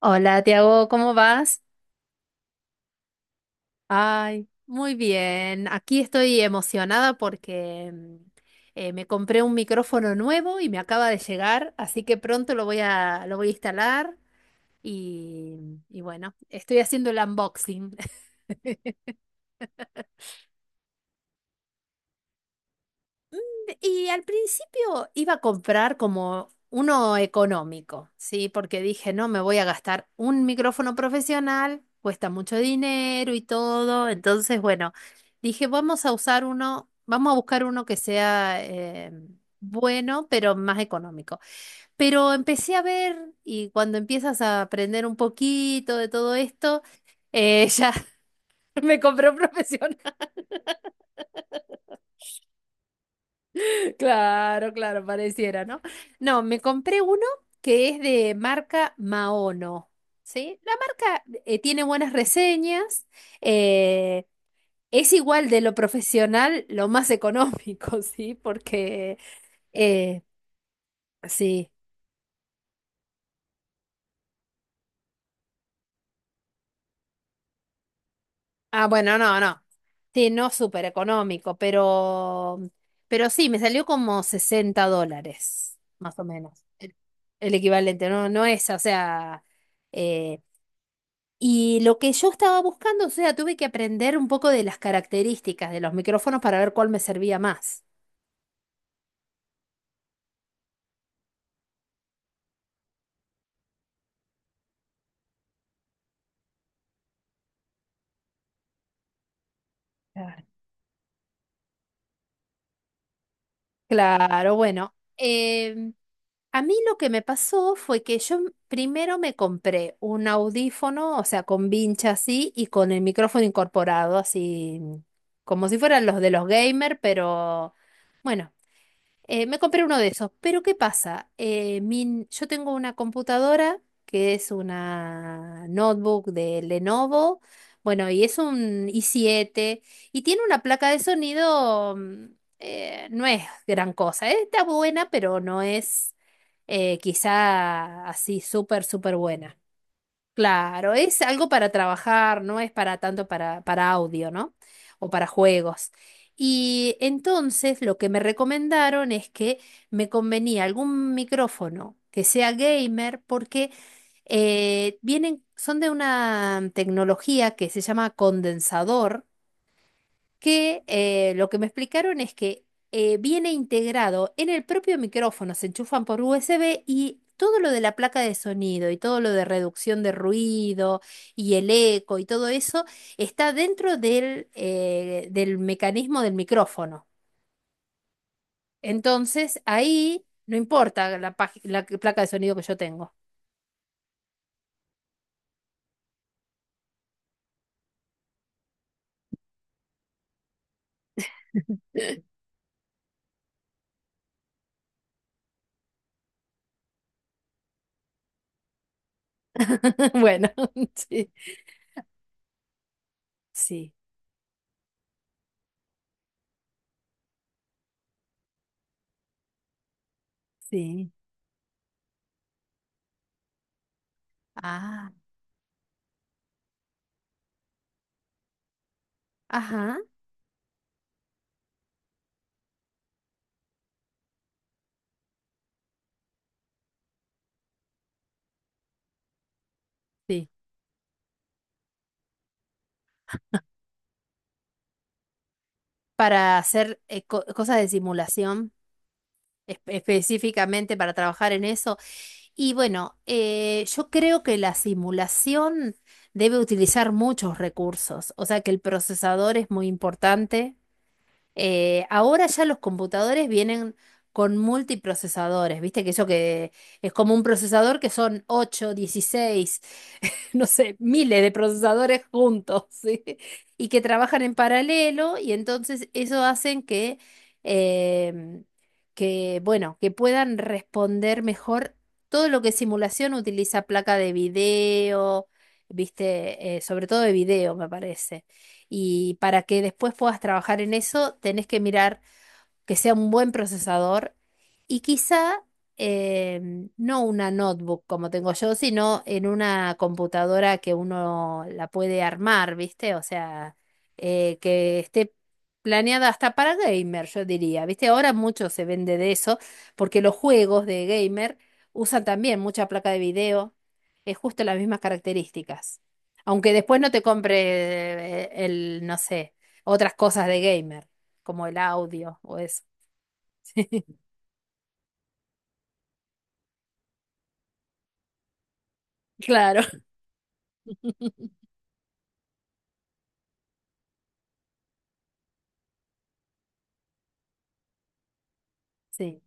Hola, Tiago, ¿cómo vas? Ay, muy bien. Aquí estoy emocionada porque me compré un micrófono nuevo y me acaba de llegar, así que pronto lo voy a instalar y bueno, estoy haciendo el unboxing. Y al principio iba a comprar como uno económico, ¿sí? Porque dije, no, me voy a gastar un micrófono profesional, cuesta mucho dinero y todo. Entonces, bueno, dije, vamos a usar uno, vamos a buscar uno que sea bueno, pero más económico. Pero empecé a ver y cuando empiezas a aprender un poquito de todo esto, ya me compré un profesional. Claro, claro, pareciera, ¿no? No, me compré uno que es de marca Maono, ¿sí? La marca tiene buenas reseñas, eh, es igual de lo profesional, lo más económico, ¿sí? Eh, sí. Ah, bueno, no, no. Sí, no súper económico, pero, sí, me salió como $60, más o menos, el equivalente, no, no es, o sea. eh, Y lo que yo estaba buscando, o sea, tuve que aprender un poco de las características de los micrófonos para ver cuál me servía más. Claro. Claro, bueno, a mí lo que me pasó fue que yo primero me compré un audífono, o sea, con vincha así y con el micrófono incorporado, así como si fueran los de los gamer, pero bueno. Me compré uno de esos, pero ¿qué pasa? Yo tengo una computadora que es una notebook de Lenovo, bueno, y es un i7 y tiene una placa de sonido, no es gran cosa, está buena, pero no es quizá así súper, súper buena. Claro, es algo para trabajar, no es para tanto para audio, ¿no? O para juegos. Y entonces lo que me recomendaron es que me convenía algún micrófono que sea gamer porque vienen, son de una tecnología que se llama condensador que lo que me explicaron es que viene integrado en el propio micrófono, se enchufan por USB y todo lo de la placa de sonido y todo lo de reducción de ruido y el eco y todo eso está dentro del mecanismo del micrófono. Entonces, ahí no importa la placa de sonido que yo tengo. Bueno, sí, sí, sí. Ah, ajá, sí. Para hacer cosas de simulación. Específicamente para trabajar en eso. Y bueno, yo creo que la simulación debe utilizar muchos recursos, o sea que el procesador es muy importante. Ahora ya los computadores vienen con multiprocesadores, viste que eso que es como un procesador que son 8, 16 no sé, miles de procesadores juntos, ¿sí? Y que trabajan en paralelo y entonces eso hacen em, que, bueno, que puedan responder mejor todo lo que simulación utiliza placa de video, ¿viste? Sobre todo de video, me parece. Y para que después puedas trabajar en eso, tenés que mirar que sea un buen procesador y quizá no una notebook como tengo yo, sino en una computadora que uno la puede armar, ¿viste? O sea, que esté planeada hasta para gamer, yo diría, ¿viste? Ahora mucho se vende de eso porque los juegos de gamer usan también mucha placa de video, es justo las mismas características. Aunque después no te compre el, no sé, otras cosas de gamer como el audio o eso. Claro. Sí,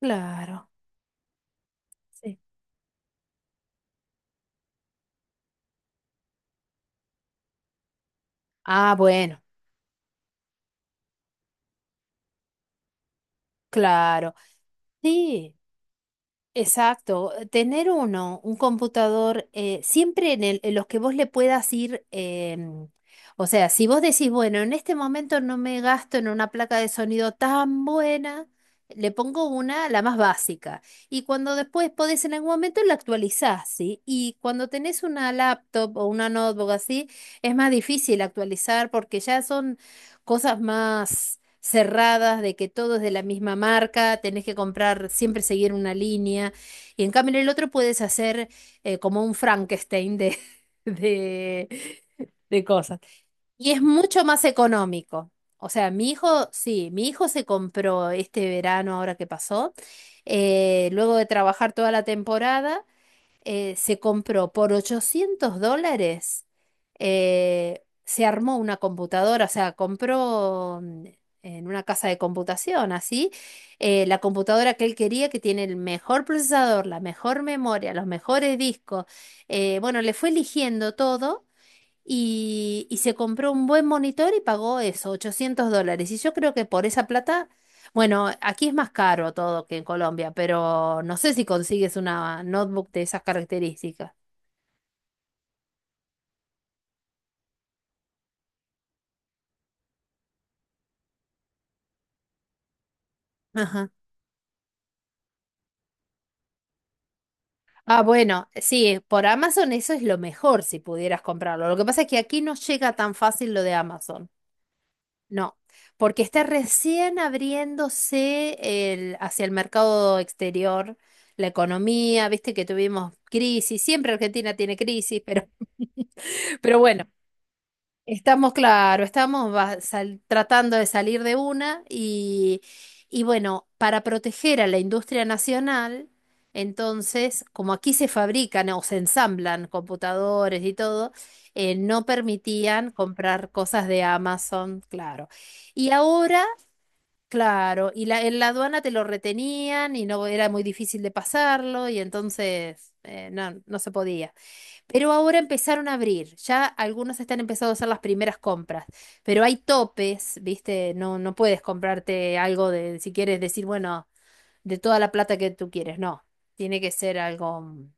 claro. Sí. Ah, bueno, claro. Sí. Exacto, tener un computador, siempre en los que vos le puedas ir, o sea, si vos decís, bueno, en este momento no me gasto en una placa de sonido tan buena, le pongo una, la más básica, y cuando después podés en algún momento la actualizás, ¿sí? Y cuando tenés una laptop o una notebook así, es más difícil actualizar porque ya son cosas más cerradas, de que todo es de la misma marca, tenés que comprar, siempre seguir una línea. Y en cambio en el otro puedes hacer como un Frankenstein de, de cosas. Y es mucho más económico. O sea, mi hijo se compró este verano, ahora que pasó, luego de trabajar toda la temporada, se compró por $800, se armó una computadora, o sea, compró en una casa de computación, así, la computadora que él quería, que tiene el mejor procesador, la mejor memoria, los mejores discos. Bueno, le fue eligiendo todo y se compró un buen monitor y pagó eso, $800. Y yo creo que por esa plata, bueno, aquí es más caro todo que en Colombia, pero no sé si consigues una notebook de esas características. Ajá. Ah, bueno, sí, por Amazon eso es lo mejor si pudieras comprarlo. Lo que pasa es que aquí no llega tan fácil lo de Amazon. No, porque está recién abriéndose el, hacia el mercado exterior, la economía, viste que tuvimos crisis, siempre Argentina tiene crisis, pero, pero bueno, Estamos, claro, tratando de salir de una y bueno, para proteger a la industria nacional, entonces, como aquí se fabrican o se ensamblan computadores y todo, no permitían comprar cosas de Amazon, claro. Y ahora, claro, y la, en la aduana te lo retenían y no era muy difícil de pasarlo y entonces no, no se podía. Pero ahora empezaron a abrir, ya algunos están empezando a hacer las primeras compras, pero hay topes, ¿viste? No, no puedes comprarte algo de, si quieres decir, bueno, de toda la plata que tú quieres, no, tiene que ser algo. Mm.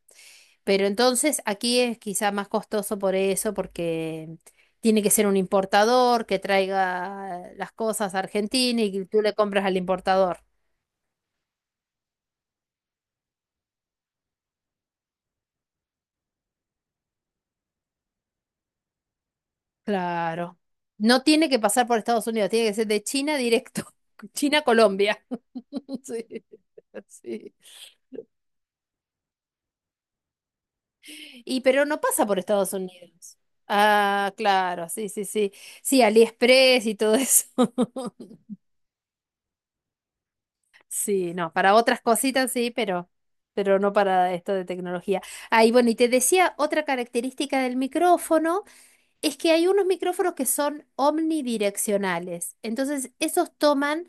Pero entonces aquí es quizá más costoso por eso, porque tiene que ser un importador que traiga las cosas a Argentina y tú le compras al importador. Claro. No tiene que pasar por Estados Unidos, tiene que ser de China directo. China-Colombia. Sí, sí. Y pero no pasa por Estados Unidos. Ah, claro, sí, sí, sí. Sí, AliExpress y todo eso. Sí, no, para otras cositas sí, pero no para esto de tecnología. Ahí bueno, y te decía otra característica del micrófono. Es que hay unos micrófonos que son omnidireccionales, entonces esos toman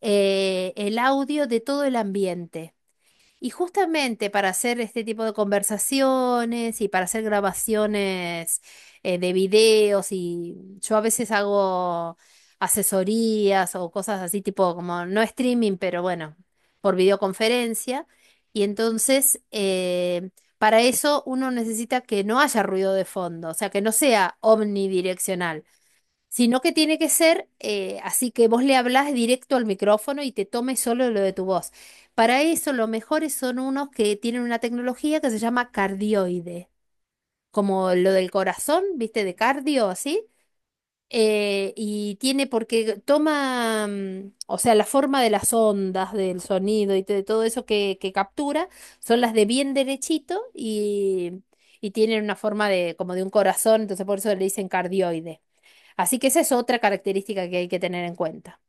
el audio de todo el ambiente. Y justamente para hacer este tipo de conversaciones y para hacer grabaciones de videos y yo a veces hago asesorías o cosas así tipo como no streaming, pero bueno, por videoconferencia. Y entonces para eso uno necesita que no haya ruido de fondo, o sea, que no sea omnidireccional sino que tiene que ser así que vos le hablás directo al micrófono y te tome solo lo de tu voz. Para eso, los mejores son unos que tienen una tecnología que se llama cardioide, como lo del corazón, ¿viste? De cardio, así. Y tiene porque toma, o sea, la forma de las ondas, del sonido y de todo eso que captura, son las de bien derechito y tienen una forma de como de un corazón, entonces por eso le dicen cardioide. Así que esa es otra característica que hay que tener en cuenta.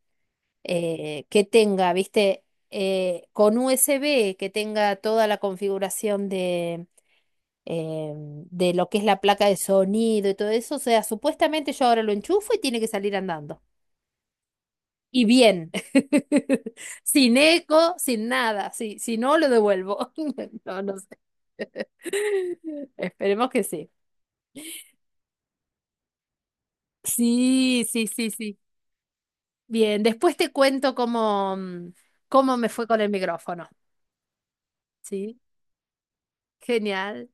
Que tenga, viste, con USB, que tenga toda la configuración de, eh, de lo que es la placa de sonido y todo eso. O sea, supuestamente yo ahora lo enchufo y tiene que salir andando. Y bien, sin eco, sin nada. Si no, lo devuelvo. No, no sé. Esperemos que sí. Sí, sí, sí, sí. Bien, después te cuento cómo, cómo me fue con el micrófono, ¿sí? Genial.